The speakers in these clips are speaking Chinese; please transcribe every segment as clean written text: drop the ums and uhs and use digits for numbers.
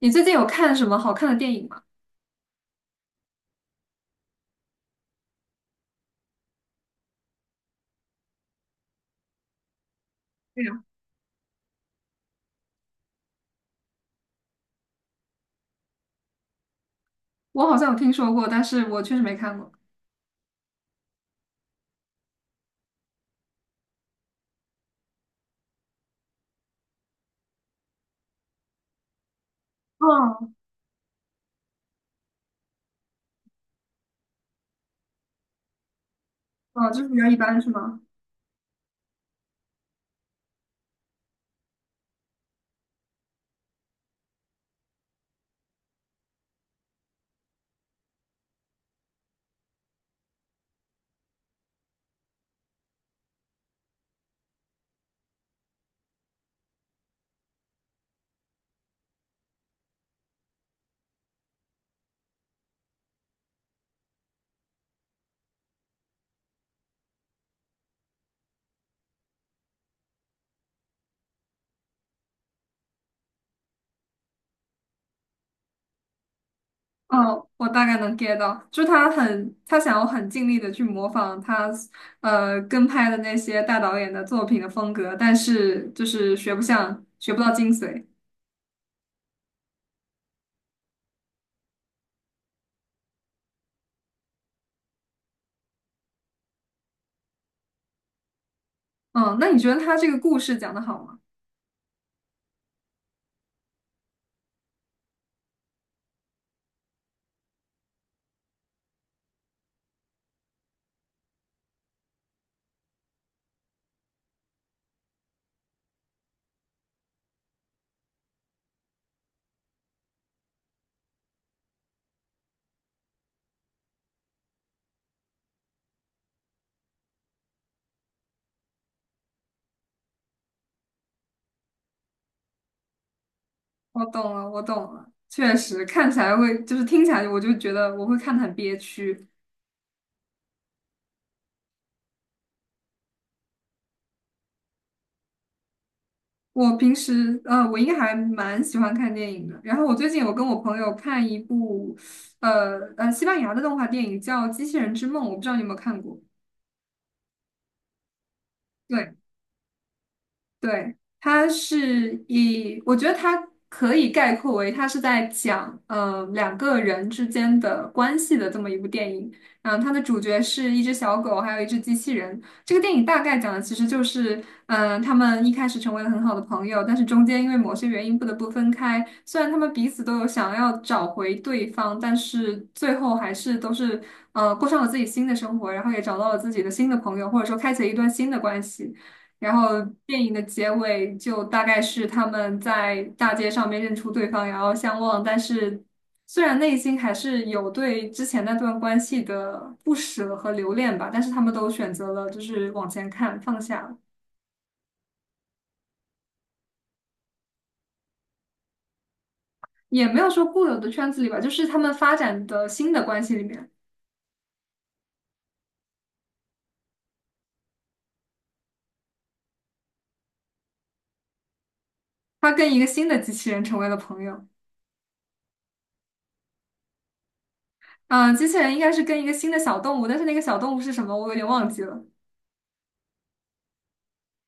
你最近有看什么好看的电影吗？对呀，我好像有听说过，但是我确实没看过。哦，哦，就是比较一般是吗？哦，我大概能 get 到，就是他很，他想要很尽力的去模仿他，跟拍的那些大导演的作品的风格，但是就是学不像，学不到精髓。嗯，那你觉得他这个故事讲的好吗？我懂了，我懂了，确实看起来会，就是听起来我就觉得我会看得很憋屈。我平时我应该还蛮喜欢看电影的。然后我最近有跟我朋友看一部，西班牙的动画电影叫《机器人之梦》，我不知道你有没有看过。对。对，它是以，我觉得它可以概括为，它是在讲两个人之间的关系的这么一部电影。嗯，它的主角是一只小狗，还有一只机器人。这个电影大概讲的其实就是，嗯、他们一开始成为了很好的朋友，但是中间因为某些原因不得不分开。虽然他们彼此都有想要找回对方，但是最后还是都是过上了自己新的生活，然后也找到了自己的新的朋友，或者说开启了一段新的关系。然后电影的结尾就大概是他们在大街上面认出对方，然后相望，但是虽然内心还是有对之前那段关系的不舍和留恋吧，但是他们都选择了就是往前看，放下了，也没有说固有的圈子里吧，就是他们发展的新的关系里面，他跟一个新的机器人成为了朋友。嗯、机器人应该是跟一个新的小动物，但是那个小动物是什么，我有点忘记了。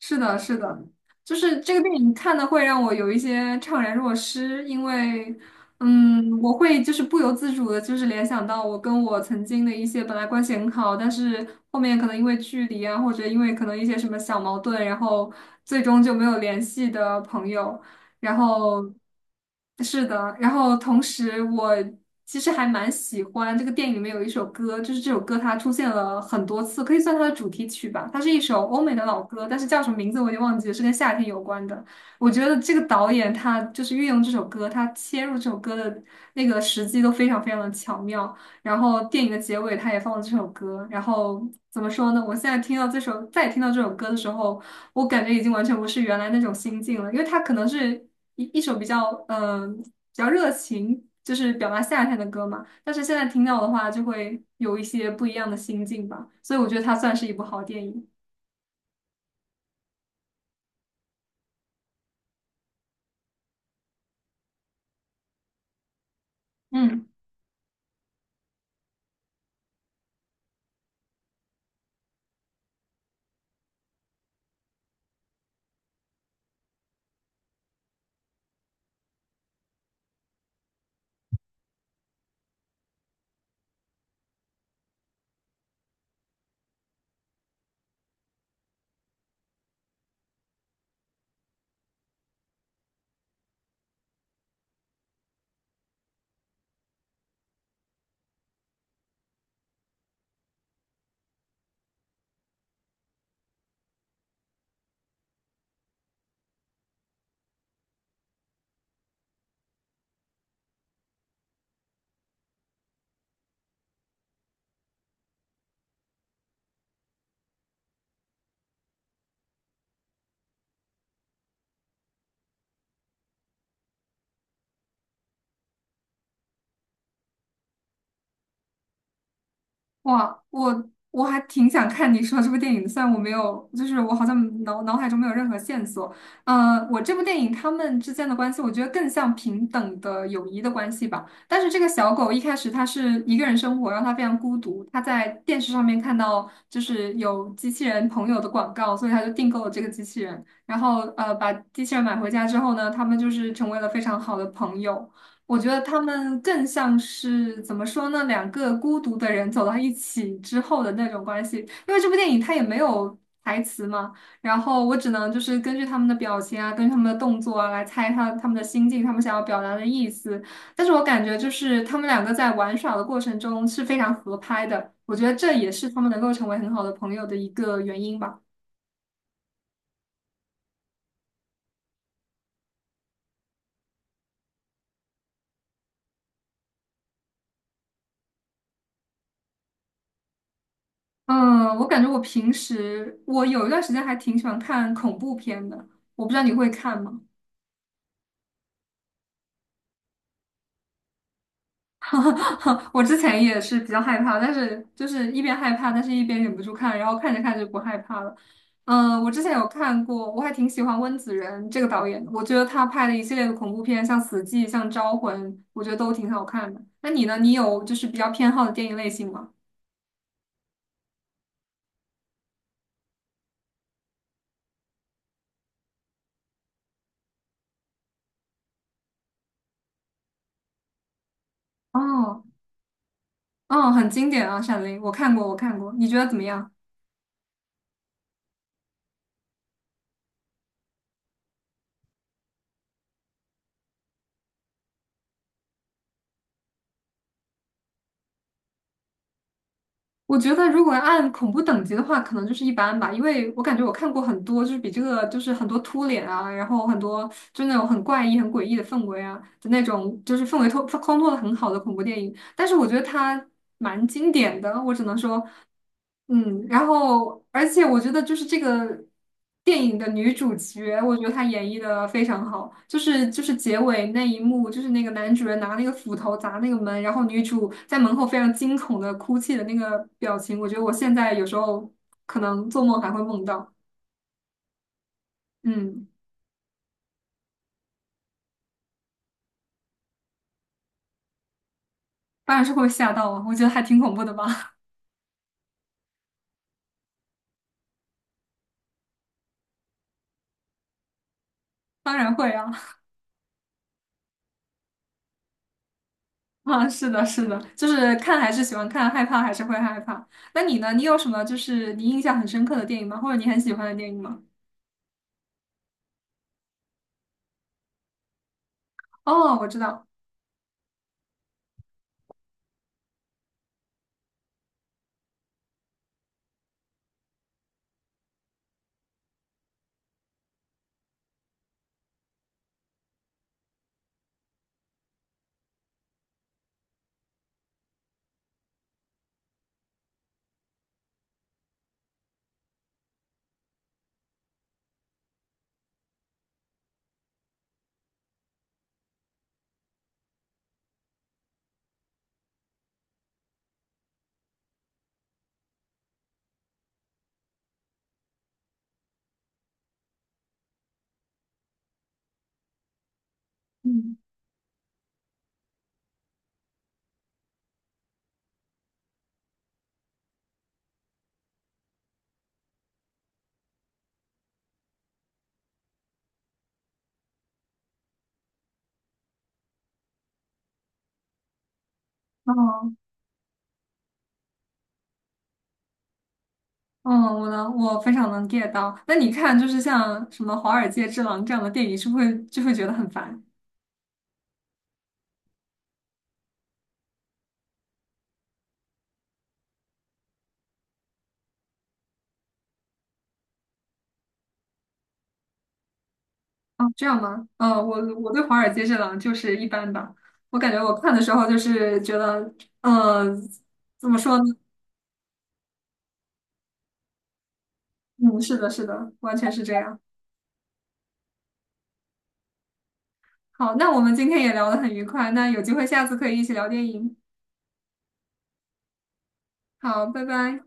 是的，是的，就是这个电影看的会让我有一些怅然若失，因为，嗯，我会就是不由自主的，就是联想到我跟我曾经的一些本来关系很好，但是后面可能因为距离啊，或者因为可能一些什么小矛盾，然后最终就没有联系的朋友。然后是的，然后同时我其实还蛮喜欢这个电影里面有一首歌，就是这首歌它出现了很多次，可以算它的主题曲吧。它是一首欧美的老歌，但是叫什么名字我已经忘记了，是跟夏天有关的。我觉得这个导演他就是运用这首歌，他切入这首歌的那个时机都非常非常的巧妙。然后电影的结尾他也放了这首歌，然后怎么说呢？我现在听到这首，再听到这首歌的时候，我感觉已经完全不是原来那种心境了，因为它可能是一首比较比较热情，就是表达夏天的歌嘛，但是现在听到的话，就会有一些不一样的心境吧，所以我觉得它算是一部好电影。嗯。哇，我还挺想看你说这部电影的虽然我没有，就是我好像脑海中没有任何线索。呃，我这部电影他们之间的关系，我觉得更像平等的友谊的关系吧。但是这个小狗一开始它是一个人生活，然后它非常孤独。它在电视上面看到就是有机器人朋友的广告，所以它就订购了这个机器人。然后呃，把机器人买回家之后呢，他们就是成为了非常好的朋友。我觉得他们更像是怎么说呢？两个孤独的人走到一起之后的那种关系。因为这部电影它也没有台词嘛，然后我只能就是根据他们的表情啊，根据他们的动作啊来猜他们的心境，他们想要表达的意思。但是我感觉就是他们两个在玩耍的过程中是非常合拍的，我觉得这也是他们能够成为很好的朋友的一个原因吧。嗯，我感觉我平时我有一段时间还挺喜欢看恐怖片的，我不知道你会看吗？我之前也是比较害怕，但是就是一边害怕，但是一边忍不住看，然后看着看着就不害怕了。嗯，我之前有看过，我还挺喜欢温子仁这个导演的，我觉得他拍的一系列的恐怖片，像《死寂》、像《招魂》，我觉得都挺好看的。那你呢？你有就是比较偏好的电影类型吗？哦，哦，很经典啊，《闪灵》，我看过，我看过，你觉得怎么样？我觉得如果按恐怖等级的话，可能就是一般吧，因为我感觉我看过很多，就是比这个就是很多秃脸啊，然后很多就那种很怪异、很诡异的氛围啊的那种，就是氛围托烘托的很好的恐怖电影。但是我觉得它蛮经典的，我只能说，嗯，然后而且我觉得就是这个电影的女主角，我觉得她演绎的非常好，就是就是结尾那一幕，就是那个男主人拿那个斧头砸那个门，然后女主在门后非常惊恐的哭泣的那个表情，我觉得我现在有时候可能做梦还会梦到，嗯，当然是会吓到啊，我觉得还挺恐怖的吧，当然会啊，啊，是的，是的，就是看还是喜欢看，害怕还是会害怕。那你呢？你有什么就是你印象很深刻的电影吗？或者你很喜欢的电影吗？哦，我知道，嗯，哦，嗯，我能，我非常能 get 到。那你看，就是像什么《华尔街之狼》这样的电影，是不是会就会觉得很烦？哦，这样吗？嗯，我我对《华尔街之狼》就是一般吧。我感觉我看的时候就是觉得，呃，怎么说呢？嗯，是的，是的，完全是这样。好，那我们今天也聊得很愉快，那有机会下次可以一起聊电影。好，拜拜。